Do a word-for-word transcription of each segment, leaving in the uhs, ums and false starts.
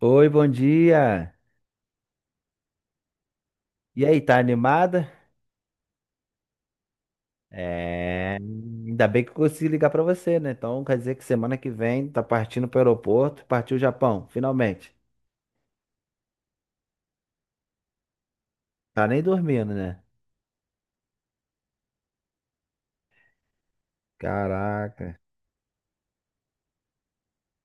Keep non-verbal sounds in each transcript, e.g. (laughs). Oi, bom dia. E aí, tá animada? É, ainda bem que eu consegui ligar pra você, né? Então quer dizer que semana que vem tá partindo pro aeroporto, partiu o Japão, finalmente. Tá nem dormindo, né? Caraca.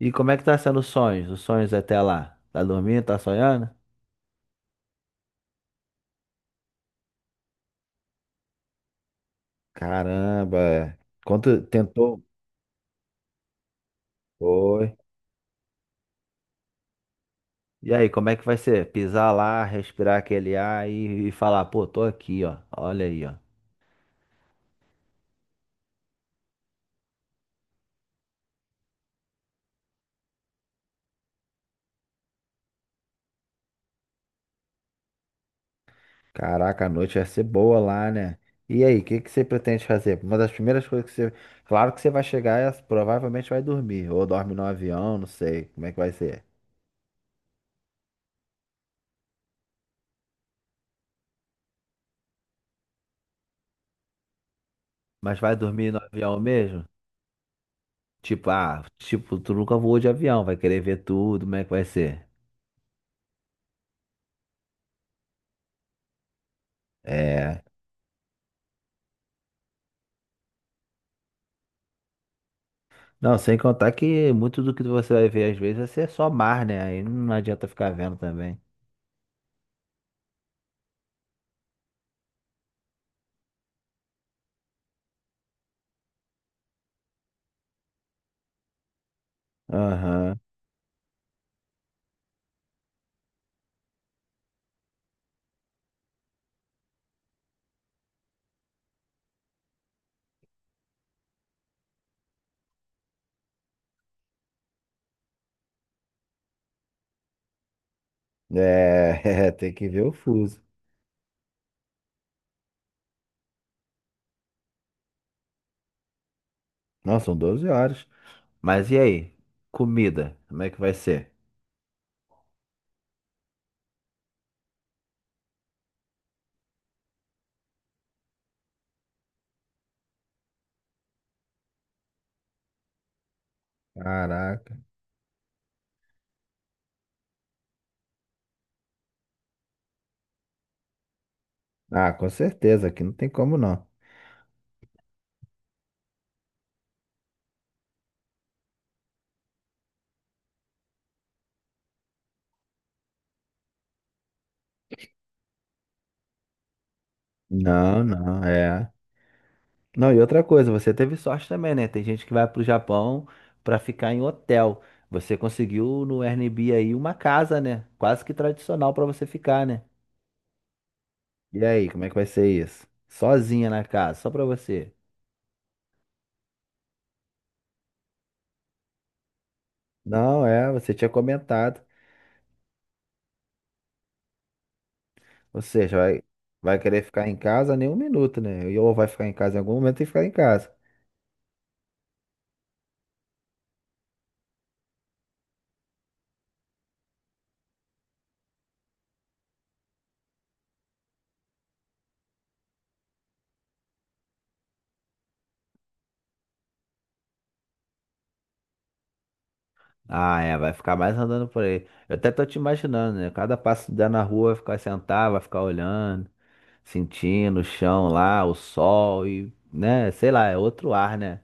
E como é que tá sendo os sonhos? Os sonhos até lá? Tá dormindo? Tá sonhando? Caramba. É. Quanto tentou? Foi. E aí, como é que vai ser? Pisar lá, respirar aquele ar e, e falar, pô, tô aqui, ó. Olha aí, ó. Caraca, a noite vai ser boa lá, né? E aí, o que que você pretende fazer? Uma das primeiras coisas que você. Claro que você vai chegar e provavelmente vai dormir. Ou dorme no avião, não sei como é que vai ser. Mas vai dormir no avião mesmo? Tipo, ah, tipo, tu nunca voou de avião, vai querer ver tudo, como é que vai ser? É. Não, sem contar que muito do que você vai ver às vezes vai ser só mar, né? Aí não adianta ficar vendo também. Aham. É, (laughs) tem que ver o fuso. Não, são doze horas. Mas e aí? Comida, como é que vai ser? Caraca. Ah, com certeza, aqui não tem como não. Não, não, é. Não, e outra coisa, você teve sorte também, né? Tem gente que vai pro Japão pra ficar em hotel. Você conseguiu no Airbnb aí uma casa, né? Quase que tradicional pra você ficar, né? E aí, como é que vai ser isso? Sozinha na casa, só pra você. Não, é, você tinha comentado. Ou seja, vai, vai querer ficar em casa nem um minuto, né? Ou vai ficar em casa em algum momento e ficar em casa. Ah, é, vai ficar mais andando por aí. Eu até tô te imaginando, né? Cada passo que der na rua vai ficar sentado, vai ficar olhando, sentindo o chão lá, o sol e, né? Sei lá, é outro ar, né?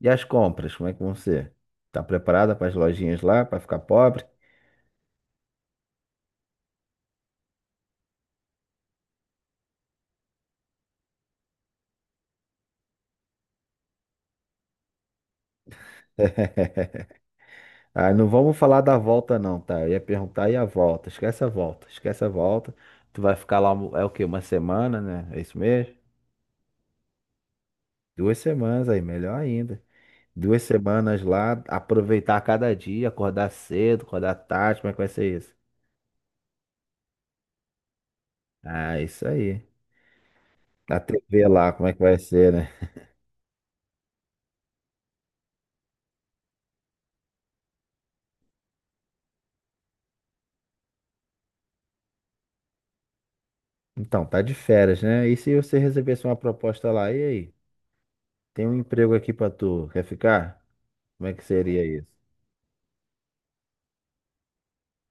E as compras, como é que vão ser? Tá preparada para as lojinhas lá, para ficar pobre? (laughs) Ah, não vamos falar da volta não, tá? Eu ia perguntar e a volta? Esquece a volta, esquece a volta. Tu vai ficar lá, é o quê? Uma semana, né? É isso mesmo? Duas semanas aí, melhor ainda. Duas semanas lá, aproveitar cada dia, acordar cedo, acordar tarde, como é que vai ser isso? Ah, isso aí. A T V lá, como é que vai ser, né? Então, tá de férias, né? E se você recebesse uma proposta lá, e aí? Tem um emprego aqui pra tu, quer ficar? Como é que seria isso?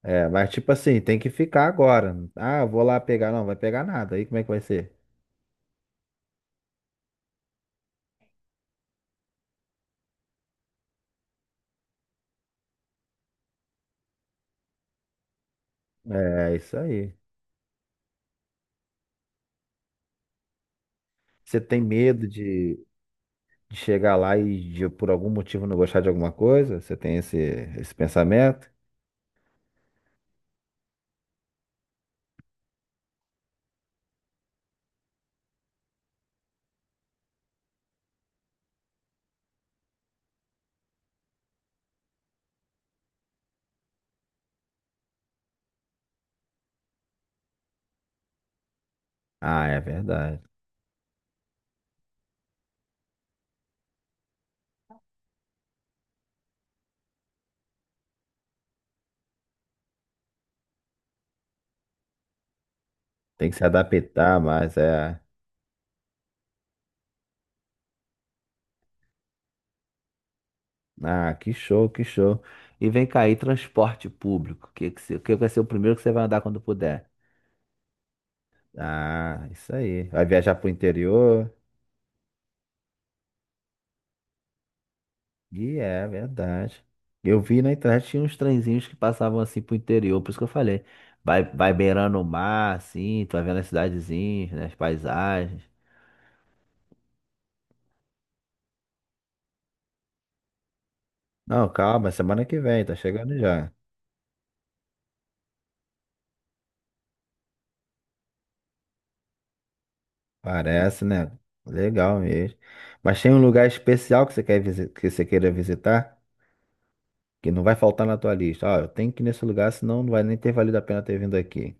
É, mas tipo assim, tem que ficar agora. Ah, eu vou lá pegar. Não, vai pegar nada. Aí como é que vai ser? É, isso aí. Você tem medo de, de chegar lá e de, por algum motivo não gostar de alguma coisa? Você tem esse, esse pensamento? Ah, é verdade. Tem que se adaptar, mas é. Ah, que show, que show. E vem cá aí, transporte público. O que, que, se- que vai ser o primeiro que você vai andar quando puder? Ah, isso aí. Vai viajar pro interior? E é verdade. Eu vi na internet tinha uns trenzinhos que passavam assim pro interior, por isso que eu falei. Vai, vai beirando o mar, assim, tu vai vendo as cidadezinhas, né, as paisagens. Não, calma, semana que vem, tá chegando já. Parece, né? Legal mesmo. Mas tem um lugar especial que você quer visi- que você queira visitar, que não vai faltar na tua lista. Ó, eu tenho que ir nesse lugar, senão não vai nem ter valido a pena ter vindo aqui.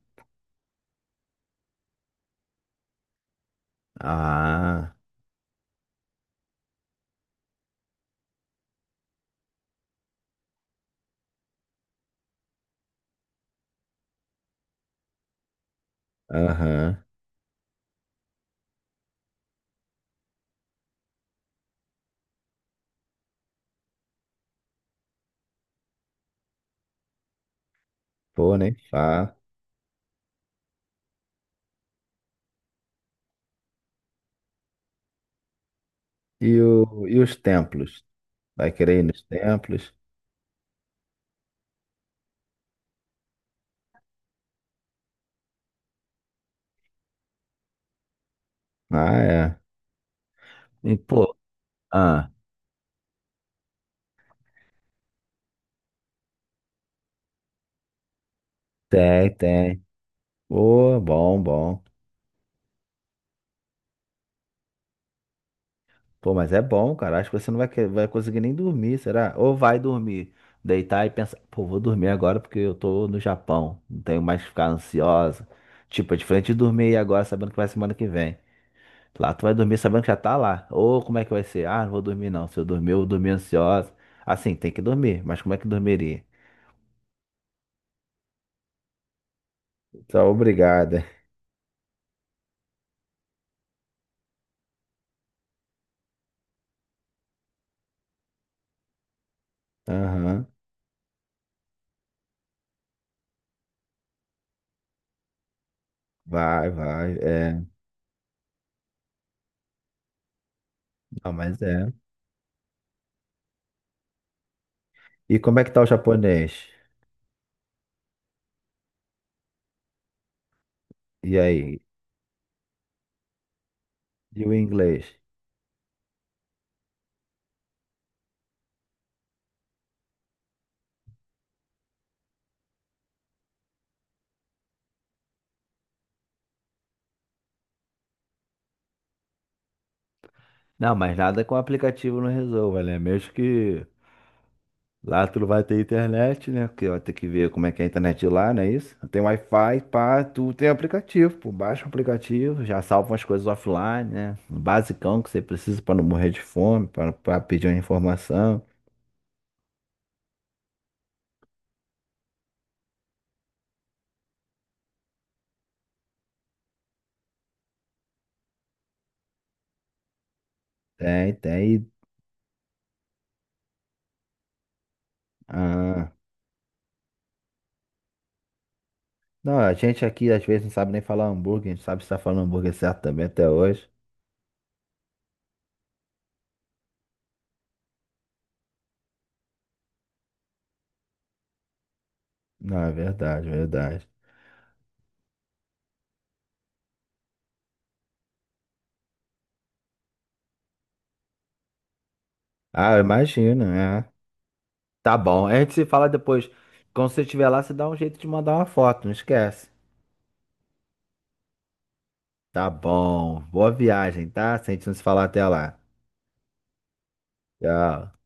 Ah, aham. Pô, nem fala. E, o, e os templos? Vai querer ir nos templos? Ah, é. E, pô, ah, tem, tem. Pô, bom, bom. Pô, mas é bom, cara. Acho que você não vai, que- vai conseguir nem dormir, será? Ou vai dormir, deitar e pensar, pô, vou dormir agora porque eu tô no Japão. Não tenho mais que ficar ansiosa. Tipo, é diferente de dormir agora sabendo que vai semana que vem. Lá tu vai dormir sabendo que já tá lá. Ou como é que vai ser? Ah, não vou dormir não. Se eu dormir, eu vou dormir ansiosa. Assim, tem que dormir, mas como é que dormiria? Tá, obrigada. Aham. Vai, vai. É. Não, mas é. E como é que tá o japonês? E aí? E o inglês? Não, mas nada com o aplicativo não resolva, né? Mesmo que lá tu não vai ter internet, né? Porque vai ter que ver como é que é a internet de lá, não é isso? Tem Wi-Fi, pá, tu tem aplicativo, pô. Baixa o aplicativo, já salva umas coisas offline, né? O basicão que você precisa pra não morrer de fome, pra pra pedir uma informação. Tem, tem. Ah. Não, a gente aqui às vezes não sabe nem falar hambúrguer, a gente sabe se tá falando hambúrguer certo também até hoje. Não, é verdade, é verdade. Ah, imagina, é. Tá bom. A gente se fala depois. Quando você estiver lá, você dá um jeito de mandar uma foto, não esquece. Tá bom. Boa viagem, tá? Se a gente não se falar até lá. Tchau.